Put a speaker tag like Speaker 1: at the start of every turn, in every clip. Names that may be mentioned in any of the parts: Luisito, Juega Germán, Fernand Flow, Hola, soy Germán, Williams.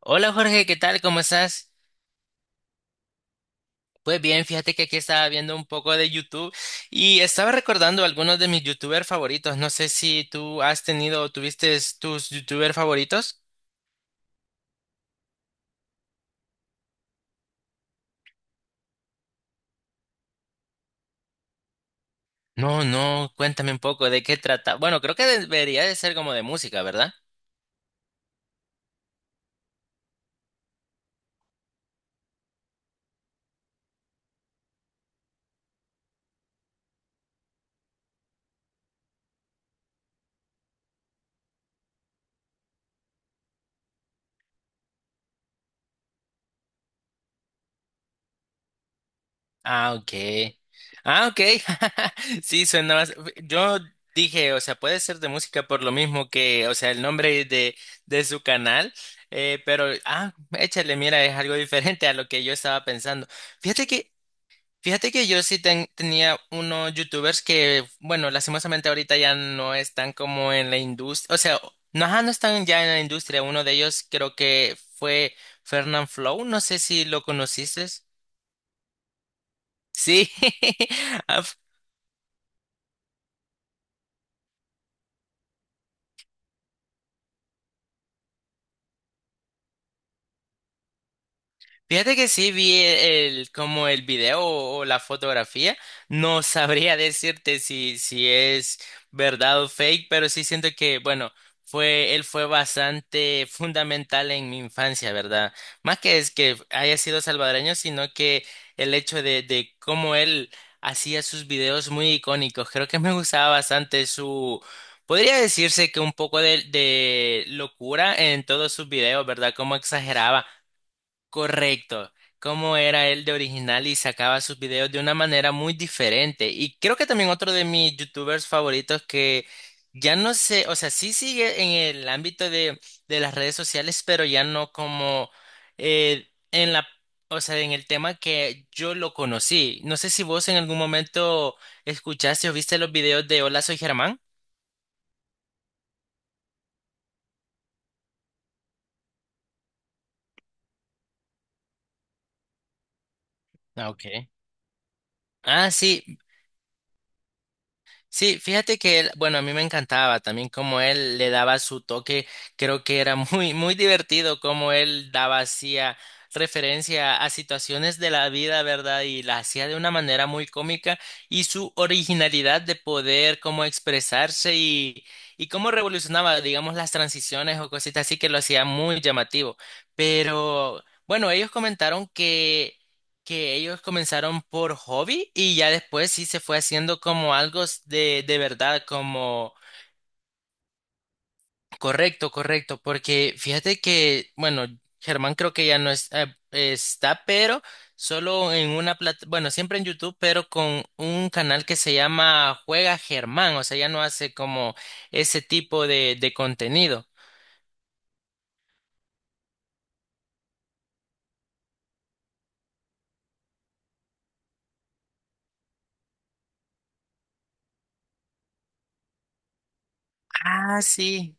Speaker 1: Hola Jorge, ¿qué tal? ¿Cómo estás? Pues bien, fíjate que aquí estaba viendo un poco de YouTube y estaba recordando algunos de mis YouTubers favoritos. No sé si tú has tenido o tuviste tus YouTubers favoritos. No, no, cuéntame un poco de qué trata. Bueno, creo que debería de ser como de música, ¿verdad? Ah, ok. Ah, ok. Sí, suena más. Yo dije, o sea, puede ser de música por lo mismo que, o sea, el nombre de su canal, pero, ah, échale, mira, es algo diferente a lo que yo estaba pensando. Fíjate que, fíjate que yo sí tenía unos youtubers que, bueno, lastimosamente ahorita ya no están como en la industria, o sea, no, ajá, no están ya en la industria. Uno de ellos creo que fue Fernand Flow, no sé si lo conociste. Sí. a Fíjate que sí vi el, como el video o la fotografía. No sabría decirte si es verdad o fake, pero sí siento que, bueno, él fue bastante fundamental en mi infancia, ¿verdad? Más que es que haya sido salvadoreño, sino que el hecho de cómo él hacía sus videos muy icónicos. Creo que me gustaba bastante su, podría decirse que un poco de locura en todos sus videos, ¿verdad? Cómo exageraba. Correcto. Cómo era él de original y sacaba sus videos de una manera muy diferente. Y creo que también otro de mis youtubers favoritos que ya no sé, o sea, sí sigue en el ámbito de las redes sociales, pero ya no como en la, o sea, en el tema que yo lo conocí. No sé si vos en algún momento escuchaste o viste los videos de Hola, soy Germán. Ah, ok. Ah, sí. Sí, fíjate que él, bueno, a mí me encantaba también cómo él le daba su toque, creo que era muy, muy divertido cómo él daba, hacía referencia a situaciones de la vida, ¿verdad? Y la hacía de una manera muy cómica y su originalidad de poder, cómo expresarse y cómo revolucionaba, digamos, las transiciones o cositas así que lo hacía muy llamativo. Pero bueno, ellos comentaron que ellos comenzaron por hobby y ya después sí se fue haciendo como algo de verdad, como. Correcto, correcto, porque fíjate que, bueno, Germán creo que ya no está, pero solo en una plata, bueno, siempre en YouTube, pero con un canal que se llama Juega Germán, o sea, ya no hace como ese tipo de contenido. Ah, sí.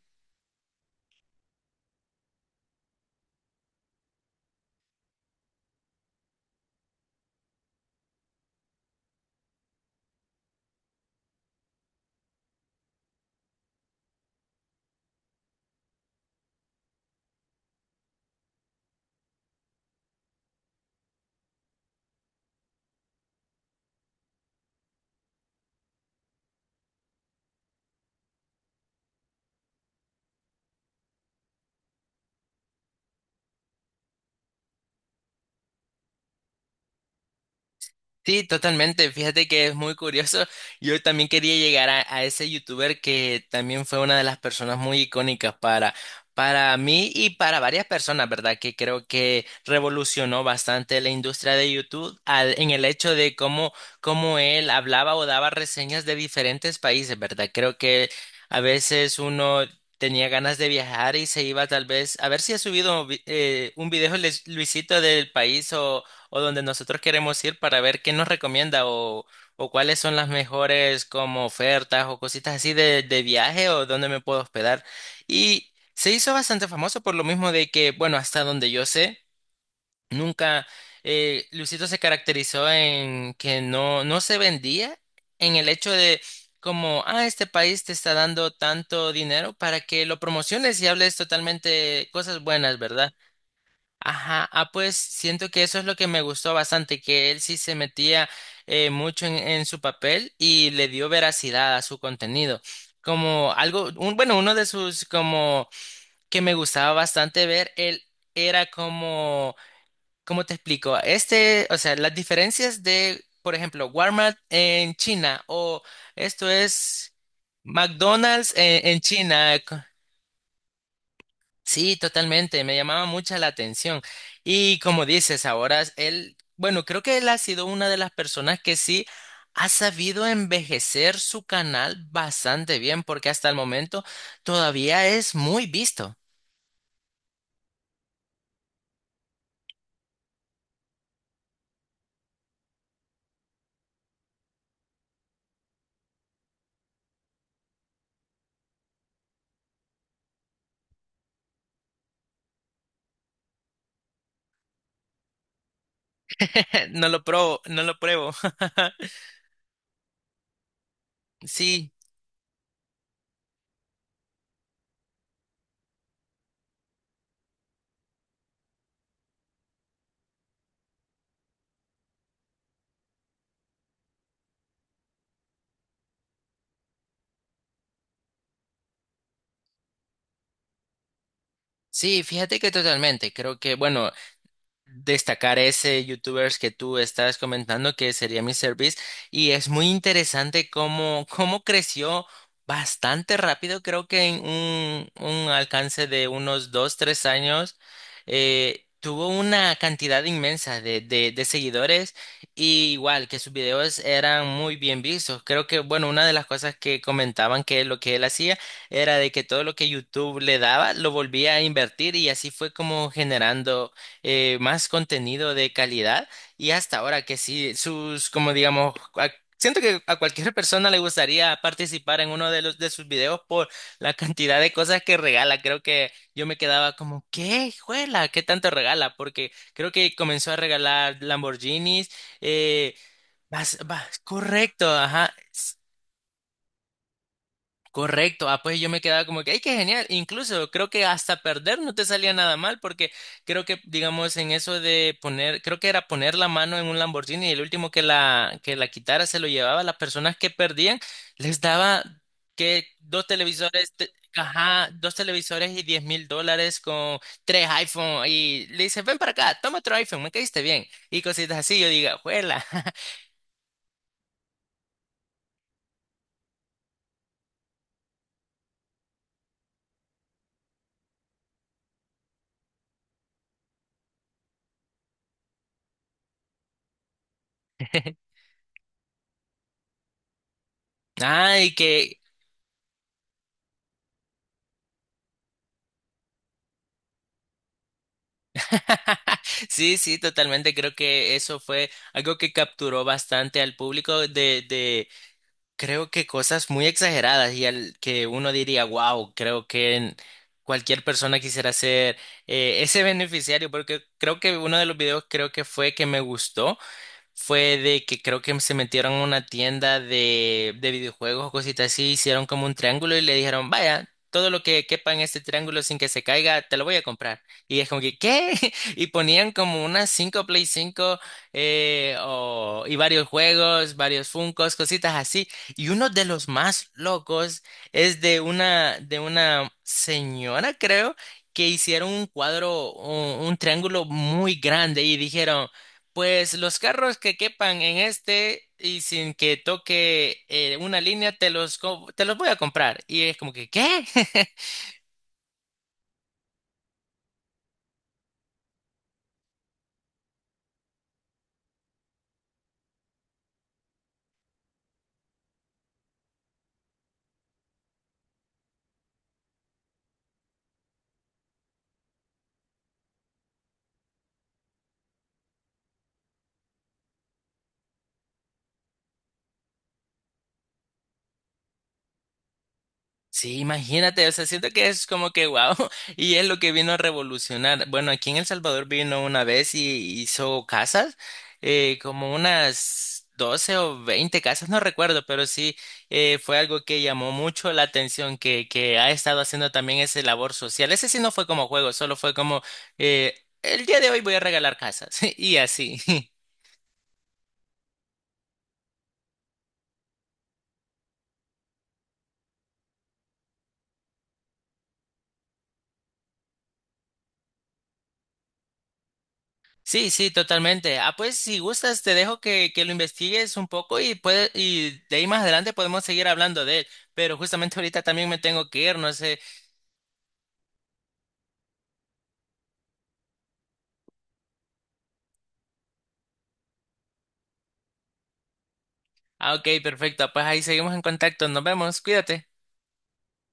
Speaker 1: Sí, totalmente. Fíjate que es muy curioso. Yo también quería llegar a ese youtuber que también fue una de las personas muy icónicas para mí y para varias personas, ¿verdad? Que creo que revolucionó bastante la industria de YouTube en el hecho de cómo él hablaba o daba reseñas de diferentes países, ¿verdad? Creo que a veces uno tenía ganas de viajar y se iba tal vez a ver si ha subido un video Luisito del país o donde nosotros queremos ir para ver qué nos recomienda o cuáles son las mejores como ofertas o cositas así de viaje o dónde me puedo hospedar. Y se hizo bastante famoso por lo mismo de que, bueno, hasta donde yo sé, nunca Luisito se caracterizó en que no, no se vendía en el hecho de como, ah, este país te está dando tanto dinero para que lo promociones y hables totalmente cosas buenas, ¿verdad? Ajá, ah, pues siento que eso es lo que me gustó bastante, que él sí se metía mucho en su papel y le dio veracidad a su contenido. Como algo, bueno, uno de sus como que me gustaba bastante ver, él era como, ¿cómo te explico? Este, o sea, las diferencias de, por ejemplo, Walmart en China o esto es McDonald's en China. Sí, totalmente, me llamaba mucha la atención. Y como dices, ahora es él, bueno, creo que él ha sido una de las personas que sí ha sabido envejecer su canal bastante bien, porque hasta el momento todavía es muy visto. No lo probo, no lo pruebo. Sí, sí, fíjate que totalmente. Creo que, bueno, destacar ese youtubers que tú estabas comentando que sería mi service y es muy interesante cómo creció bastante rápido, creo que en un alcance de unos 2, 3 años. Tuvo una cantidad inmensa de seguidores y igual que sus videos eran muy bien vistos. Creo que, bueno, una de las cosas que comentaban que lo que él hacía era de que todo lo que YouTube le daba lo volvía a invertir y así fue como generando más contenido de calidad y hasta ahora que sí, sus, como digamos, siento que a cualquier persona le gustaría participar en uno de los de sus videos por la cantidad de cosas que regala. Creo que yo me quedaba como, ¿qué, juela? ¿Qué tanto regala? Porque creo que comenzó a regalar Lamborghinis, eh, correcto, ajá. Correcto, ah, pues yo me quedaba como que, ¡ay, qué genial! Incluso creo que hasta perder no te salía nada mal, porque creo que, digamos, en eso de poner, creo que era poner la mano en un Lamborghini y el último que la quitara se lo llevaba, las personas que perdían les daba que dos televisores, ajá, dos televisores y 10.000 dólares con tres iPhone y le dice, ven para acá, toma otro iPhone, me caíste bien. Y cositas así, yo digo, ¡juela! Ah, y que. Sí, sí, totalmente. Creo que eso fue algo que capturó bastante al público de creo que cosas muy exageradas y al que uno diría, wow, creo que cualquier persona quisiera ser ese beneficiario, porque creo que uno de los videos creo que fue que me gustó fue de que creo que se metieron a una tienda de videojuegos o cositas así, hicieron como un triángulo y le dijeron, vaya, todo lo que quepa en este triángulo sin que se caiga, te lo voy a comprar. Y es como que, ¿qué? Y ponían como unas 5 PS5 y varios juegos, varios Funkos, cositas así. Y uno de los más locos es de una señora, creo. Que hicieron un cuadro, un triángulo muy grande y dijeron, pues los carros que quepan en este y sin que toque una línea, te los voy a comprar. Y es como que, ¿qué? Sí, imagínate, o sea, siento que es como que wow, y es lo que vino a revolucionar. Bueno, aquí en El Salvador vino una vez y hizo casas, como unas 12 o 20 casas, no recuerdo, pero sí fue algo que llamó mucho la atención, que ha estado haciendo también ese labor social. Ese sí no fue como juego, solo fue como, eh, el día de hoy voy a regalar casas, y así. Sí, sí, totalmente. Ah, pues si gustas, te dejo que lo investigues un poco y, puede, y de ahí más adelante podemos seguir hablando de él. Pero justamente ahorita también me tengo que ir, no sé. Ah, ok, perfecto. Pues ahí seguimos en contacto. Nos vemos. Cuídate.